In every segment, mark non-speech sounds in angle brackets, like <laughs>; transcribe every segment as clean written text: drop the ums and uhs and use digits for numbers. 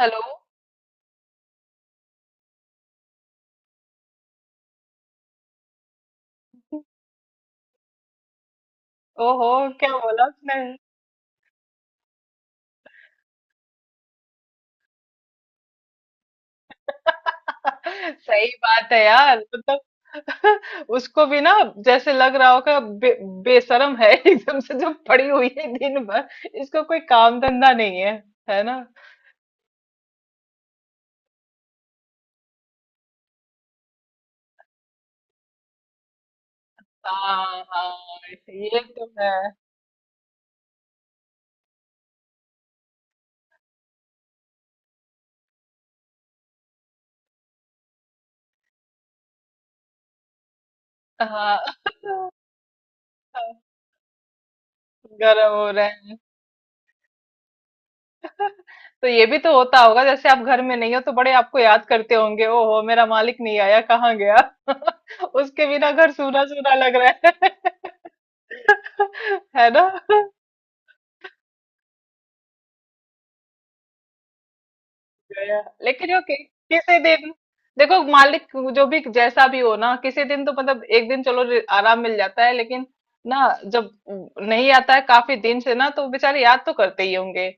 Hello. ओहो। क्या बोला उसने? <laughs> सही बात है यार, मतलब। <laughs> उसको भी ना, जैसे लग रहा होगा, बेशरम है। <laughs> एकदम से जो पड़ी हुई है दिन भर, इसको कोई काम धंधा नहीं है, है ना। हाँ हाँ, ये तो है। हाँ <laughs> गर्म हो रहे हैं। तो ये भी तो होता होगा, जैसे आप घर में नहीं हो तो बड़े आपको याद करते होंगे। ओहो, मेरा मालिक नहीं आया, कहाँ गया। <laughs> उसके बिना घर सूना सूना लग रहा है। <laughs> <laughs> है ना। गया। लेकिन किसी दिन देखो मालिक, जो भी जैसा भी हो ना, किसी दिन तो मतलब एक दिन चलो आराम मिल जाता है, लेकिन ना, जब नहीं आता है काफी दिन से ना, तो बेचारे याद तो करते ही होंगे,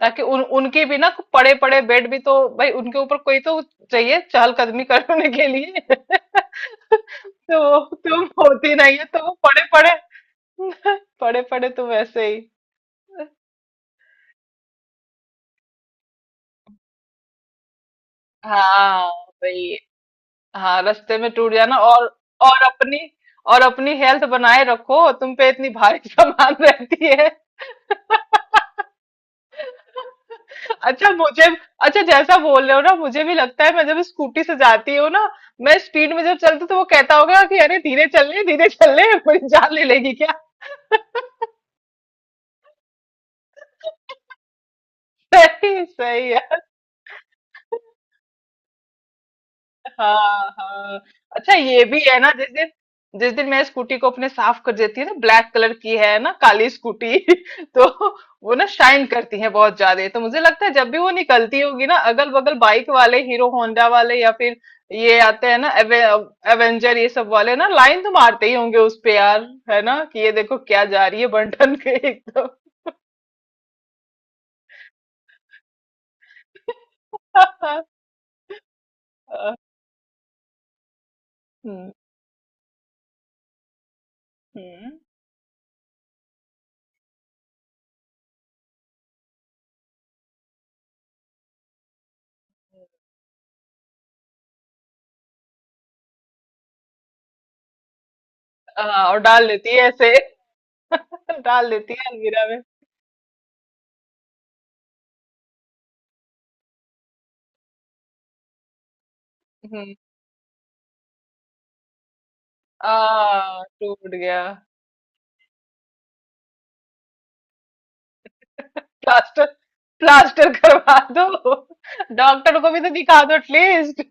ताकि उन उनकी भी ना। पड़े पड़े बेड भी तो भाई, उनके ऊपर कोई तो चाहिए चहलकदमी करने के लिए। <laughs> तो तुम होती नहीं है तो वो पड़े पड़े। <laughs> पड़े पड़े तुम ऐसे <laughs> ही। हाँ भाई, हाँ रास्ते में टूट जाना, और अपनी और अपनी हेल्थ बनाए रखो, तुम पे इतनी भारी <laughs> सामान रहती है। अच्छा मुझे अच्छा जैसा बोल रहे हो ना, मुझे भी लगता है मैं जब स्कूटी से जाती हूँ ना, मैं स्पीड में जब चलती हूँ, तो वो कहता होगा कि अरे, धीरे चल रहे धीरे चल रहे, मेरी जान ले लेगी क्या। <laughs> सही सही है। हाँ हाँ। अच्छा ये भी है ना। जिस दिन मैं स्कूटी को अपने साफ कर देती है ना, ब्लैक कलर की है ना, काली स्कूटी। <laughs> तो वो ना शाइन करती है बहुत ज्यादा, तो मुझे लगता है जब भी वो निकलती होगी ना, अगल बगल बाइक वाले हीरो होंडा वाले या फिर ये आते हैं ना एवेंजर, ये सब वाले ना लाइन तो मारते ही होंगे उस पे यार, है ना, कि ये देखो क्या जा रही है बंटन के एकदम। <laughs> हम्म हम्म। हाँ और डाल देती है ऐसे। <laughs> डाल देती है अलमीरा में। हम्म। टूट गया। प्लास्टर, प्लास्टर करवा दो, डॉक्टर को भी तो दिखा दो एटलीस्ट।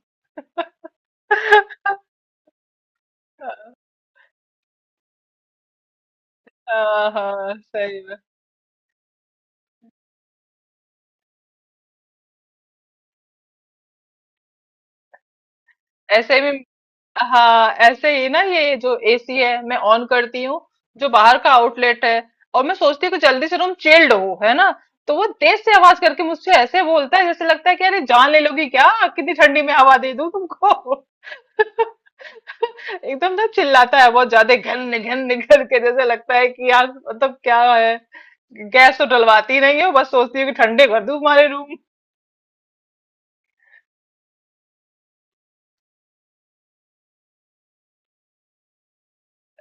हाँ हाँ, सही में। ऐसे भी। हाँ ऐसे ही ना, ये जो एसी है मैं ऑन करती हूँ, जो बाहर का आउटलेट है, और मैं सोचती हूँ कि जल्दी से रूम चिल्ड हो, है ना, तो वो तेज से आवाज करके मुझसे ऐसे बोलता है जैसे लगता है कि अरे, जान ले लोगी क्या, कितनी ठंडी में हवा दे दूँ तुमको। <laughs> एकदम ना चिल्लाता है बहुत ज्यादा घन घन करके, जैसे लगता है कि यार मतलब क्या है, गैस तो डलवाती ही नहीं हो, बस सोचती हूँ कि ठंडे कर दूं हमारे रूम।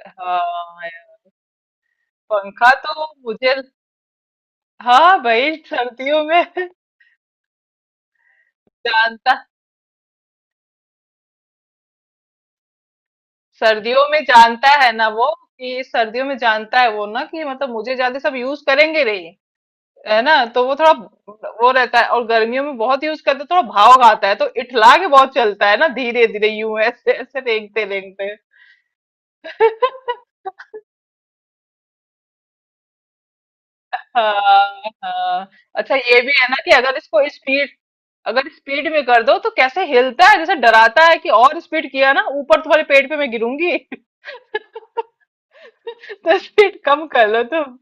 हाँ यार, पंखा तो मुझे, हाँ भाई सर्दियों में। <laughs> जानता सर्दियों में जानता है ना वो, कि सर्दियों में जानता है वो ना, कि मतलब मुझे ज्यादा सब यूज करेंगे नहीं, है ना, तो वो थोड़ा, वो रहता है, और गर्मियों में बहुत यूज करते हैं, थोड़ा भाव आता है तो इठला के बहुत चलता है ना, धीरे धीरे यूं ऐसे ऐसे रेंगते रेंगते। <laughs> हाँ हाँ। अच्छा ये भी है ना कि अगर इसको स्पीड अगर स्पीड में कर दो तो कैसे हिलता है, जैसे डराता है कि और स्पीड किया ना ऊपर तुम्हारे पेट पे मैं गिरूंगी। <laughs> तो स्पीड कम कर लो तुम।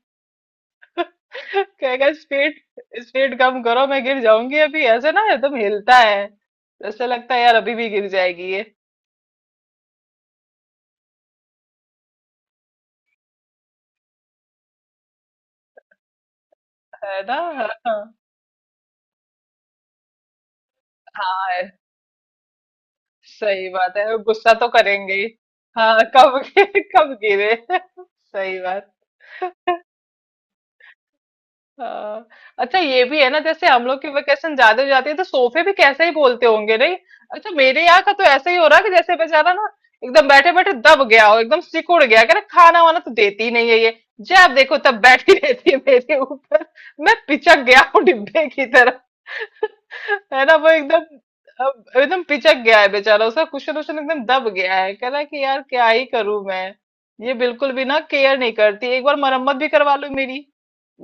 कहेगा स्पीड स्पीड कम करो, मैं गिर जाऊंगी, अभी ऐसे ना एकदम हिलता है, ऐसा लगता है यार अभी भी गिर जाएगी ये। है ना। हाँ हाँ। हाँ, सही बात है, गुस्सा तो करेंगे ही। हाँ कब। <laughs> कब गिरे। <laughs> सही बात। हाँ। अच्छा ये भी है ना, जैसे हम लोग की वेकेशन ज्यादा हो जाती है तो सोफे भी कैसे ही बोलते होंगे नहीं। अच्छा मेरे यहाँ का तो ऐसा ही हो रहा है कि जैसे बेचारा ना, एकदम बैठे बैठे दब गया हो, एकदम सिकुड़ गया, कह रहा खाना वाना तो देती ही नहीं है ये, जब देखो तब बैठी रहती है मेरे ऊपर, मैं पिचक गया हूँ डिब्बे की तरह। <laughs> है ना, वो एकदम अब एकदम पिचक गया है बेचारा, उसका कुशन उशन एकदम दब गया है, कह रहा है कि यार क्या ही करूं मैं, ये बिल्कुल भी ना केयर नहीं करती, एक बार मरम्मत भी करवा लो मेरी,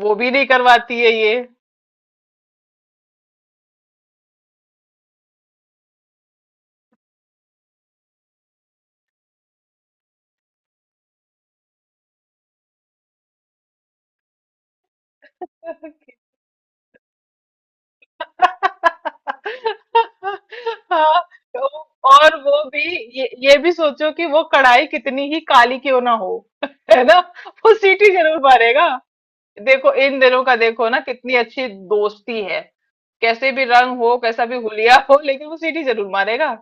वो भी नहीं करवाती है ये। हाँ, तो- और वो भी, ये भी सोचो कि वो कढ़ाई कितनी ही काली क्यों ना हो, है ना, वो सीटी जरूर मारेगा। देखो इन दिनों का देखो ना कितनी अच्छी दोस्ती है, कैसे भी रंग हो कैसा भी हुलिया हो, लेकिन वो सीटी जरूर मारेगा।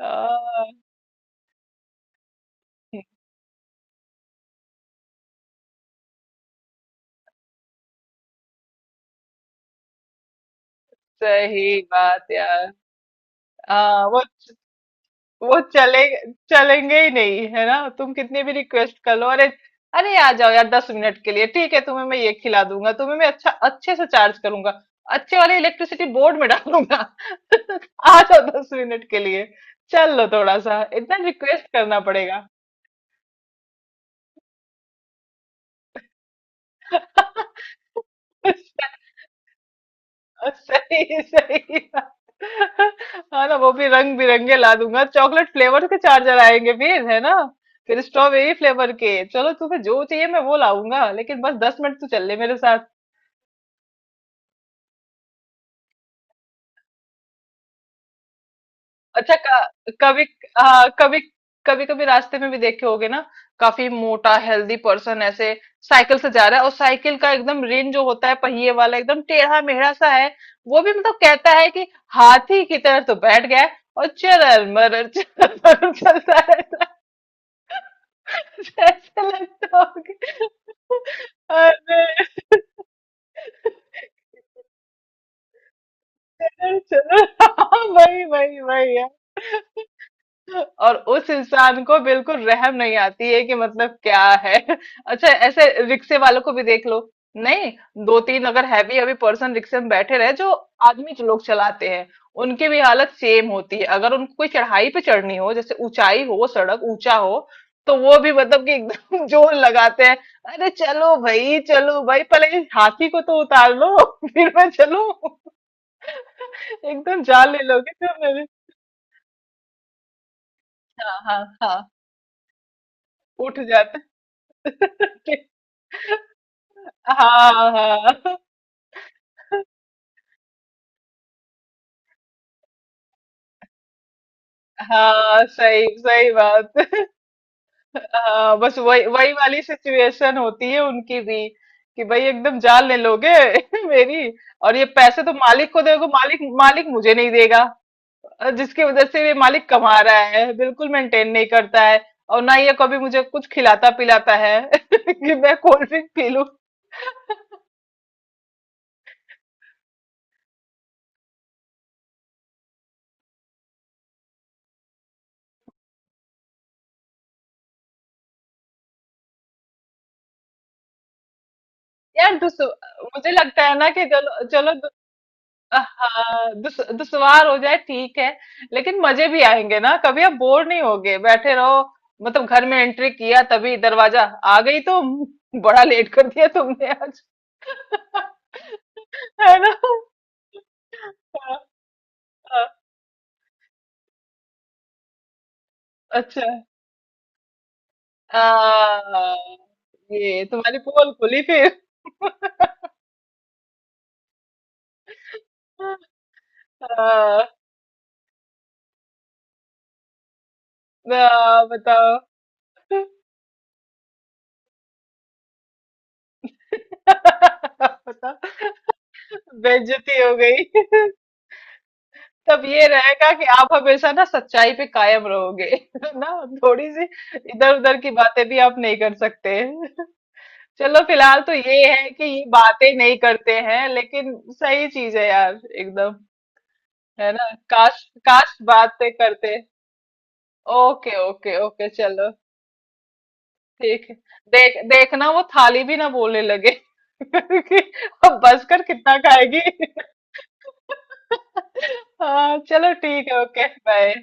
हाँ, सही बात यार। हाँ, वो चले, चलेंगे ही नहीं, है ना, तुम कितनी भी रिक्वेस्ट कर लो। अरे, अरे आ जाओ यार दस मिनट के लिए, ठीक है तुम्हें मैं ये खिला दूंगा, तुम्हें मैं अच्छे से चार्ज करूंगा, अच्छे वाले इलेक्ट्रिसिटी बोर्ड में डालूंगा। <laughs> आ जाओ दस मिनट के लिए, चल लो थोड़ा सा, इतना रिक्वेस्ट करना पड़ेगा। <laughs> सही सही बात। हाँ ना, वो भी रंग बिरंगे ला दूंगा, चॉकलेट फ्लेवर के चार्जर आएंगे फिर है ना, फिर स्ट्रॉबेरी फ्लेवर के, चलो तुम्हें जो चाहिए मैं वो लाऊंगा, लेकिन बस दस मिनट तो चल ले मेरे। अच्छा कभी, हाँ कभी कभी कभी रास्ते में भी देखे होगे ना, काफी मोटा हेल्दी पर्सन ऐसे साइकिल से जा रहा है, और साइकिल का एकदम रिम जो होता है पहिए वाला एकदम टेढ़ा मेढ़ा सा है, वो भी मतलब कहता है कि हाथी की तरह तो बैठ गया है, और चरल मरल चलता रहता है, ऐसा लगता होगा। अरे चलो हाँ, वही वही वही है, और उस इंसान को बिल्कुल रहम नहीं आती है कि मतलब क्या है। <laughs> अच्छा ऐसे रिक्शे वालों को भी देख लो, नहीं, दो तीन अगर हैवी अभी पर्सन रिक्शे में बैठे रहे जो, आदमी जो लोग चलाते हैं, उनकी भी हालत सेम होती है, अगर उनको कोई चढ़ाई पे चढ़नी हो, जैसे ऊंचाई हो, सड़क ऊंचा हो, तो वो भी मतलब कि एकदम <laughs> जोर लगाते हैं। अरे चलो भाई चलो भाई, पहले इस हाथी को तो उतार लो। <laughs> फिर मैं चलूं। <laughs> एकदम जान ले लोगे तो मेरे। हाँ हाँ हाँ। उठ जाते, हाँ हाँ हाँ। सही सही बात। हाँ, बस वही वही वाली सिचुएशन होती है उनकी भी, कि भाई एकदम जान ले लोगे। <laughs> मेरी। और ये पैसे तो मालिक को दोगे, मालिक, मालिक मुझे नहीं देगा, जिसकी वजह से ये मालिक कमा रहा है बिल्कुल मेंटेन नहीं करता है, और ना ये कभी मुझे कुछ खिलाता पिलाता है। <laughs> कि मैं कोल्ड ड्रिंक पी लूं। यार दूसरों मुझे लगता है ना कि चलो चलो, हाँ दुश्वार हो जाए ठीक है, लेकिन मजे भी आएंगे ना, कभी आप बोर नहीं होगे बैठे रहो, मतलब घर में एंट्री किया तभी दरवाजा, आ गई तुम। <laughs> बड़ा लेट कर दिया तुमने आज। <laughs> है ना। हाँ, हाँ, अच्छा। हाँ, ये तुम्हारी पोल खुली फिर। <laughs> हाँ हाँ, बताओ। <laughs> बताओ, बेइज्जती हो गई। <laughs> तब ये रहेगा कि आप हमेशा ना सच्चाई पे कायम रहोगे। <laughs> ना, थोड़ी सी इधर उधर की बातें भी आप नहीं कर सकते। <laughs> चलो फिलहाल तो ये है कि ये बातें नहीं करते हैं, लेकिन सही चीज है यार एकदम। है ना, काश, काश बातें करते, ओके ओके ओके चलो, ठीक है। देखना वो थाली भी ना बोलने लगे <laughs> कि अब बस कर कितना खाएगी। <laughs> हाँ चलो ठीक है ओके बाय।